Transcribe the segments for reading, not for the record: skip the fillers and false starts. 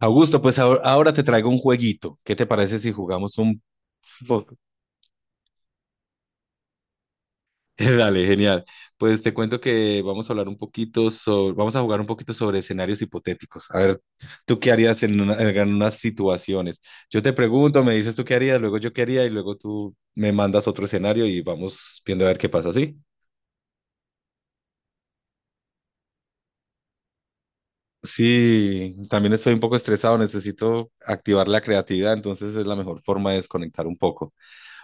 Augusto, pues ahora te traigo un jueguito. ¿Qué te parece si jugamos un poco? Dale, genial. Pues te cuento que vamos a jugar un poquito sobre escenarios hipotéticos. A ver, ¿tú qué harías en unas situaciones? Yo te pregunto, me dices tú qué harías, luego yo qué haría y luego tú me mandas otro escenario y vamos viendo a ver qué pasa, ¿sí? Sí, también estoy un poco estresado, necesito activar la creatividad, entonces es la mejor forma de desconectar un poco.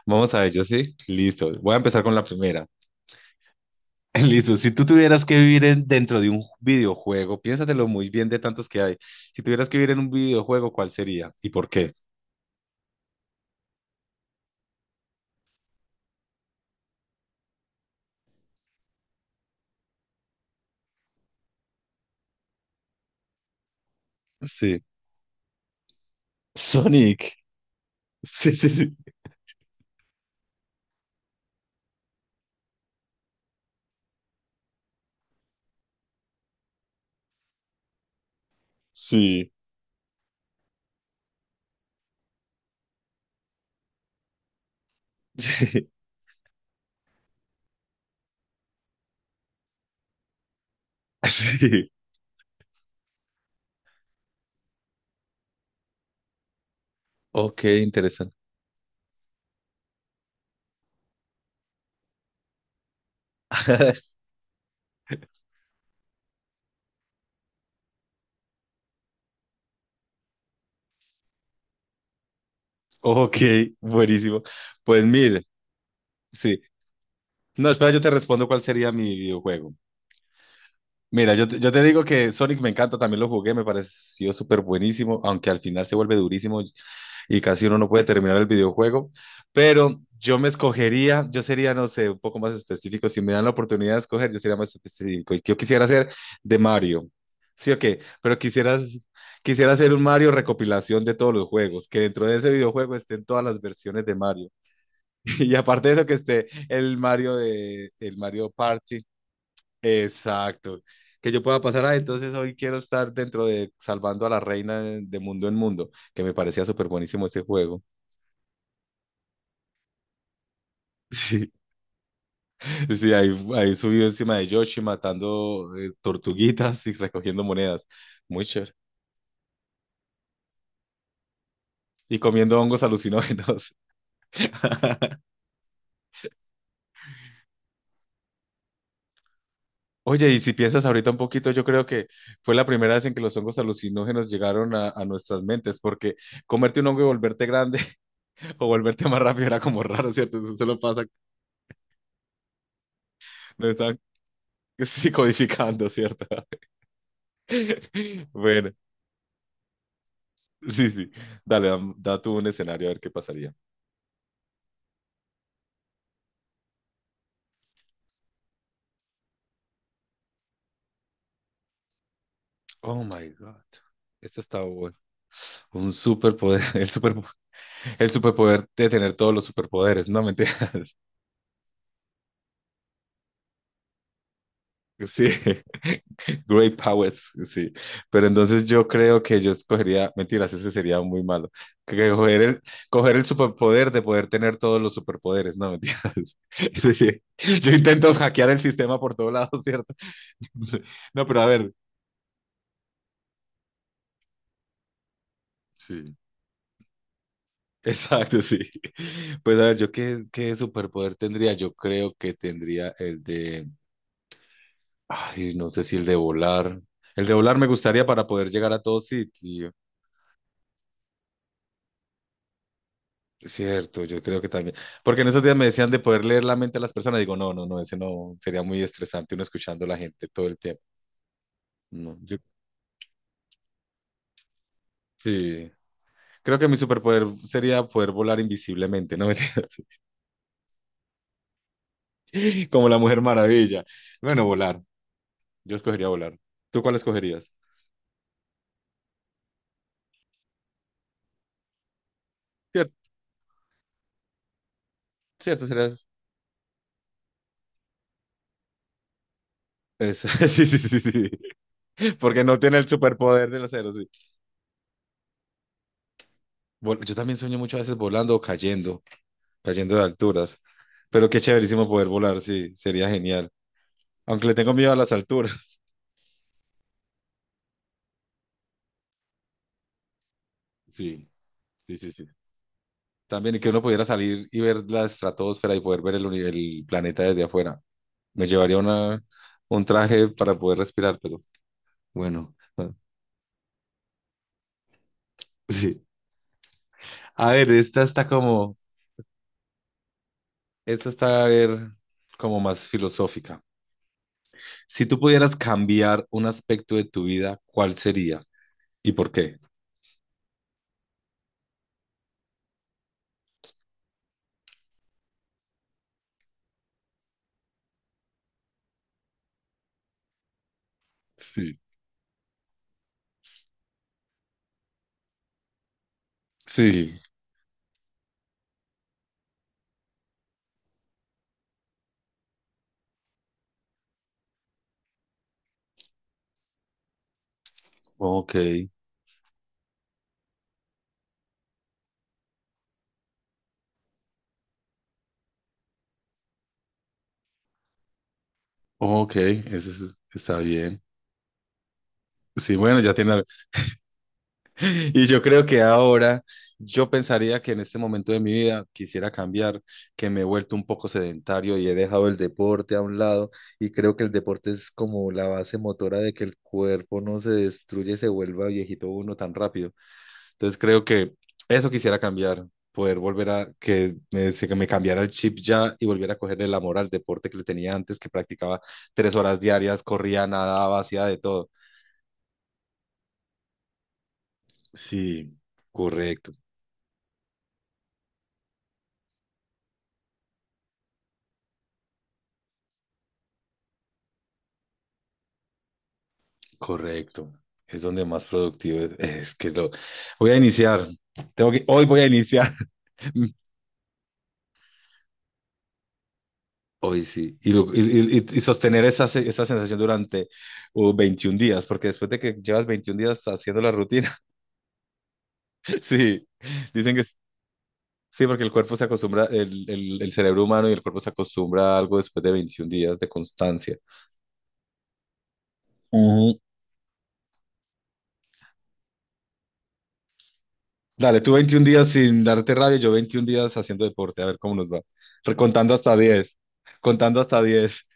Vamos a ello, ¿sí? Listo. Voy a empezar con la primera. Listo, si tú tuvieras que vivir dentro de un videojuego, piénsatelo muy bien de tantos que hay. Si tuvieras que vivir en un videojuego, ¿cuál sería y por qué? Sí. Sonic. Sí, sí, sí. Sí. Sí. Sí. Ok, interesante. Ok, buenísimo. Pues mire, sí. No, espera, yo te respondo cuál sería mi videojuego. Mira, yo te digo que Sonic me encanta, también lo jugué, me pareció súper buenísimo, aunque al final se vuelve durísimo y casi uno no puede terminar el videojuego, pero yo me escogería, yo sería, no sé, un poco más específico, si me dan la oportunidad de escoger, yo sería más específico, y yo quisiera ser de Mario, sí o qué, pero quisiera hacer un Mario recopilación de todos los juegos, que dentro de ese videojuego estén todas las versiones de Mario, y aparte de eso que esté el Mario Party. Exacto. Que yo pueda pasar, ah, entonces hoy quiero estar dentro de Salvando a la Reina de, Mundo en Mundo, que me parecía súper buenísimo ese juego. Sí, sí, ahí subido encima de Yoshi matando tortuguitas y recogiendo monedas. Muy chévere. Y comiendo hongos alucinógenos. Oye, y si piensas ahorita un poquito, yo creo que fue la primera vez en que los hongos alucinógenos llegaron a nuestras mentes, porque comerte un hongo y volverte grande o volverte más rápido era como raro, ¿cierto? Eso se lo pasa, no. Sí, codificando, ¿cierto? Bueno, sí, sí. Dale, da tú un escenario a ver qué pasaría. Oh my God. Este está bueno. Un superpoder. El superpoder de tener todos los superpoderes, no mentiras. Sí, great powers, sí. Pero entonces yo creo que yo escogería, mentiras, ese sería muy malo. Que coger el superpoder de poder tener todos los superpoderes, no mentiras. Es decir, yo intento hackear el sistema por todos lados, ¿cierto? No, pero a ver, sí, exacto, sí. Pues a ver, yo qué superpoder tendría. Yo creo que tendría el de, ay, no sé si el de volar. El de volar me gustaría para poder llegar a todo sitio. Cierto, yo creo que también. Porque en esos días me decían de poder leer la mente a las personas. Digo, no, no, no, ese no sería muy estresante uno escuchando a la gente todo el tiempo. No, yo sí. Creo que mi superpoder sería poder volar invisiblemente, ¿no? Como la Mujer Maravilla. Bueno, volar. Yo escogería volar. ¿Tú cuál escogerías? Sí, este sería, sí, sí, sí, sí, sí, porque no tiene el superpoder del acero, sí. Yo también sueño muchas veces volando o cayendo de alturas, pero qué chéverísimo poder volar, sí, sería genial. Aunque le tengo miedo a las alturas. Sí, sí, sí, sí. También y que uno pudiera salir y ver la estratosfera y poder ver el planeta desde afuera. Me llevaría un traje para poder respirar, pero bueno, bueno, sí. A ver, esta está, a ver, como más filosófica. Si tú pudieras cambiar un aspecto de tu vida, ¿cuál sería y por qué? Sí, sí, ok, ok, eso está bien. Sí, bueno, ya tiene algo. Y yo creo que ahora yo pensaría que en este momento de mi vida quisiera cambiar, que me he vuelto un poco sedentario y he dejado el deporte a un lado. Y creo que el deporte es como la base motora de que el cuerpo no se destruye, se vuelva viejito uno tan rápido. Entonces creo que eso quisiera cambiar, poder volver a que que me cambiara el chip ya y volviera a coger el amor al deporte que le tenía antes, que practicaba 3 horas diarias, corría, nadaba, hacía de todo. Sí, correcto, correcto. Es donde más productivo es que lo voy a iniciar. Tengo que, hoy voy a iniciar. Hoy sí, y sostener esa sensación durante 21 días, porque después de que llevas 21 días haciendo la rutina, sí, dicen que sí, porque el cuerpo se acostumbra, el cerebro humano y el cuerpo se acostumbra a algo después de 21 días de constancia. Ujú. Dale, tú 21 días sin darte rabia, yo 21 días haciendo deporte, a ver cómo nos va. Recontando hasta 10, contando hasta 10.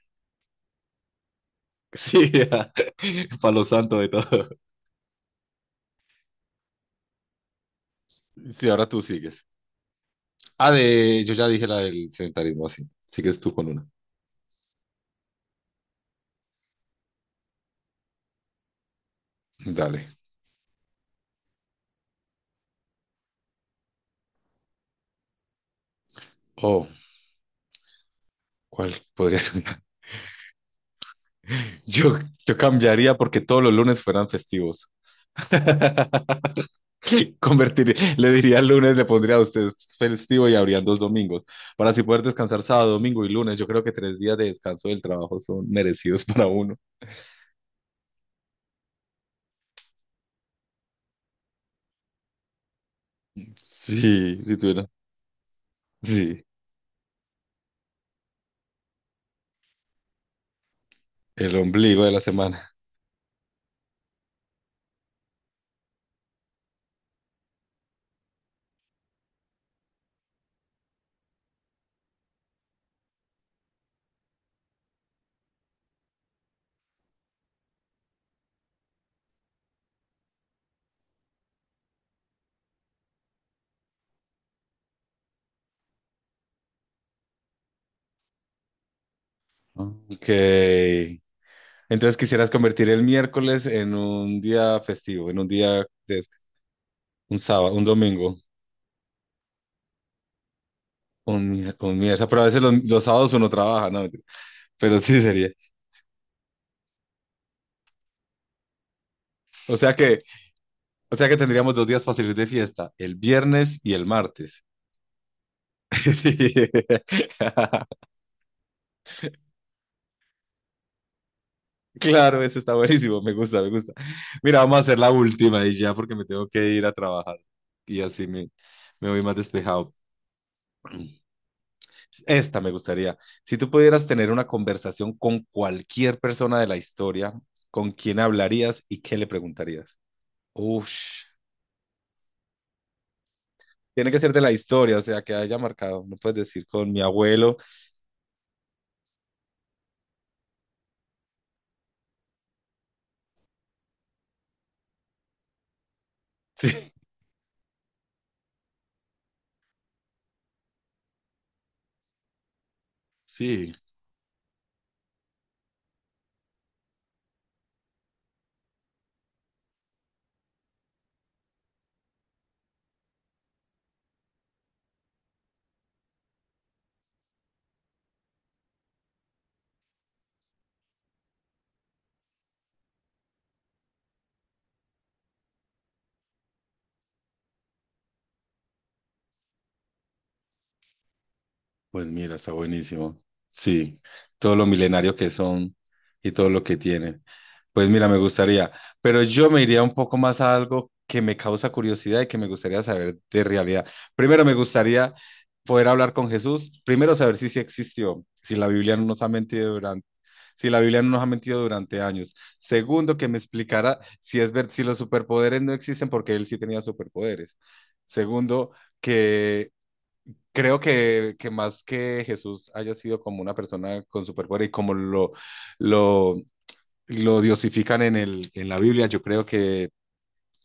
Sí, palo santo de todo. Sí, ahora tú sigues. Ah, yo ya dije la del sedentarismo, así. Sigues tú con una. Dale. Oh, ¿cuál podría cambiar? Yo, yo cambiaría porque todos los lunes fueran festivos. Convertir, le diría el lunes, le pondría a usted festivo y habrían dos domingos. Para así poder descansar sábado, domingo y lunes, yo creo que 3 días de descanso del trabajo son merecidos para uno. Sí, si tuviera. Sí, el ombligo de la semana. Ok. Entonces quisieras convertir el miércoles en un día festivo, en un día de des- un sábado, un domingo, un miércoles. Pero a veces los sábados uno trabaja, ¿no? Pero sí sería. O sea que tendríamos 2 días fáciles de fiesta, el viernes y el martes. Sí. Claro, eso está buenísimo, me gusta, me gusta. Mira, vamos a hacer la última y ya porque me tengo que ir a trabajar y así me voy más despejado. Esta me gustaría. Si tú pudieras tener una conversación con cualquier persona de la historia, ¿con quién hablarías y qué le preguntarías? Ush, tiene que ser de la historia, o sea, que haya marcado. No puedes decir con mi abuelo. Sí, sí. Pues mira, está buenísimo. Sí, todo lo milenario que son y todo lo que tienen. Pues mira, me gustaría, pero yo me iría un poco más a algo que me causa curiosidad y que me gustaría saber de realidad. Primero me gustaría poder hablar con Jesús, primero saber si sí existió, si la Biblia no nos ha mentido durante años. Segundo, que me explicara si es ver si los superpoderes no existen porque él sí tenía superpoderes. Segundo, creo que más que Jesús haya sido como una persona con superpoder y como lo, lo diosifican en la Biblia, yo creo que,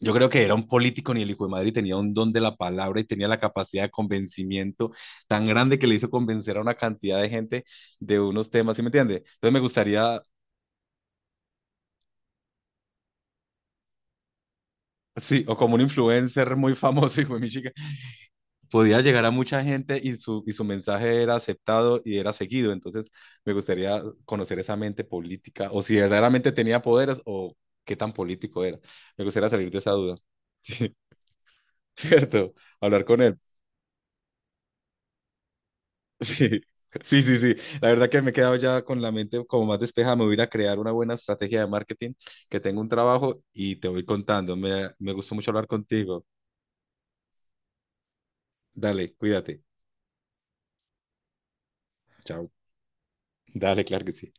yo creo que era un político ni el hijo de madre y tenía un don de la palabra y tenía la capacidad de convencimiento tan grande que le hizo convencer a una cantidad de gente de unos temas, ¿sí me entiende? Entonces me gustaría, sí, o como un influencer muy famoso, hijo de mi podía llegar a mucha gente y su mensaje era aceptado y era seguido. Entonces, me gustaría conocer esa mente política o si verdaderamente tenía poderes o qué tan político era. Me gustaría salir de esa duda. Sí, cierto. Hablar con él. Sí. Sí, sí, sí. La verdad que me he quedado ya con la mente como más despejada. Me voy a ir a crear una buena estrategia de marketing, que tengo un trabajo y te voy contando. Me gustó mucho hablar contigo. Dale, cuídate. Chao. Dale, claro que sí.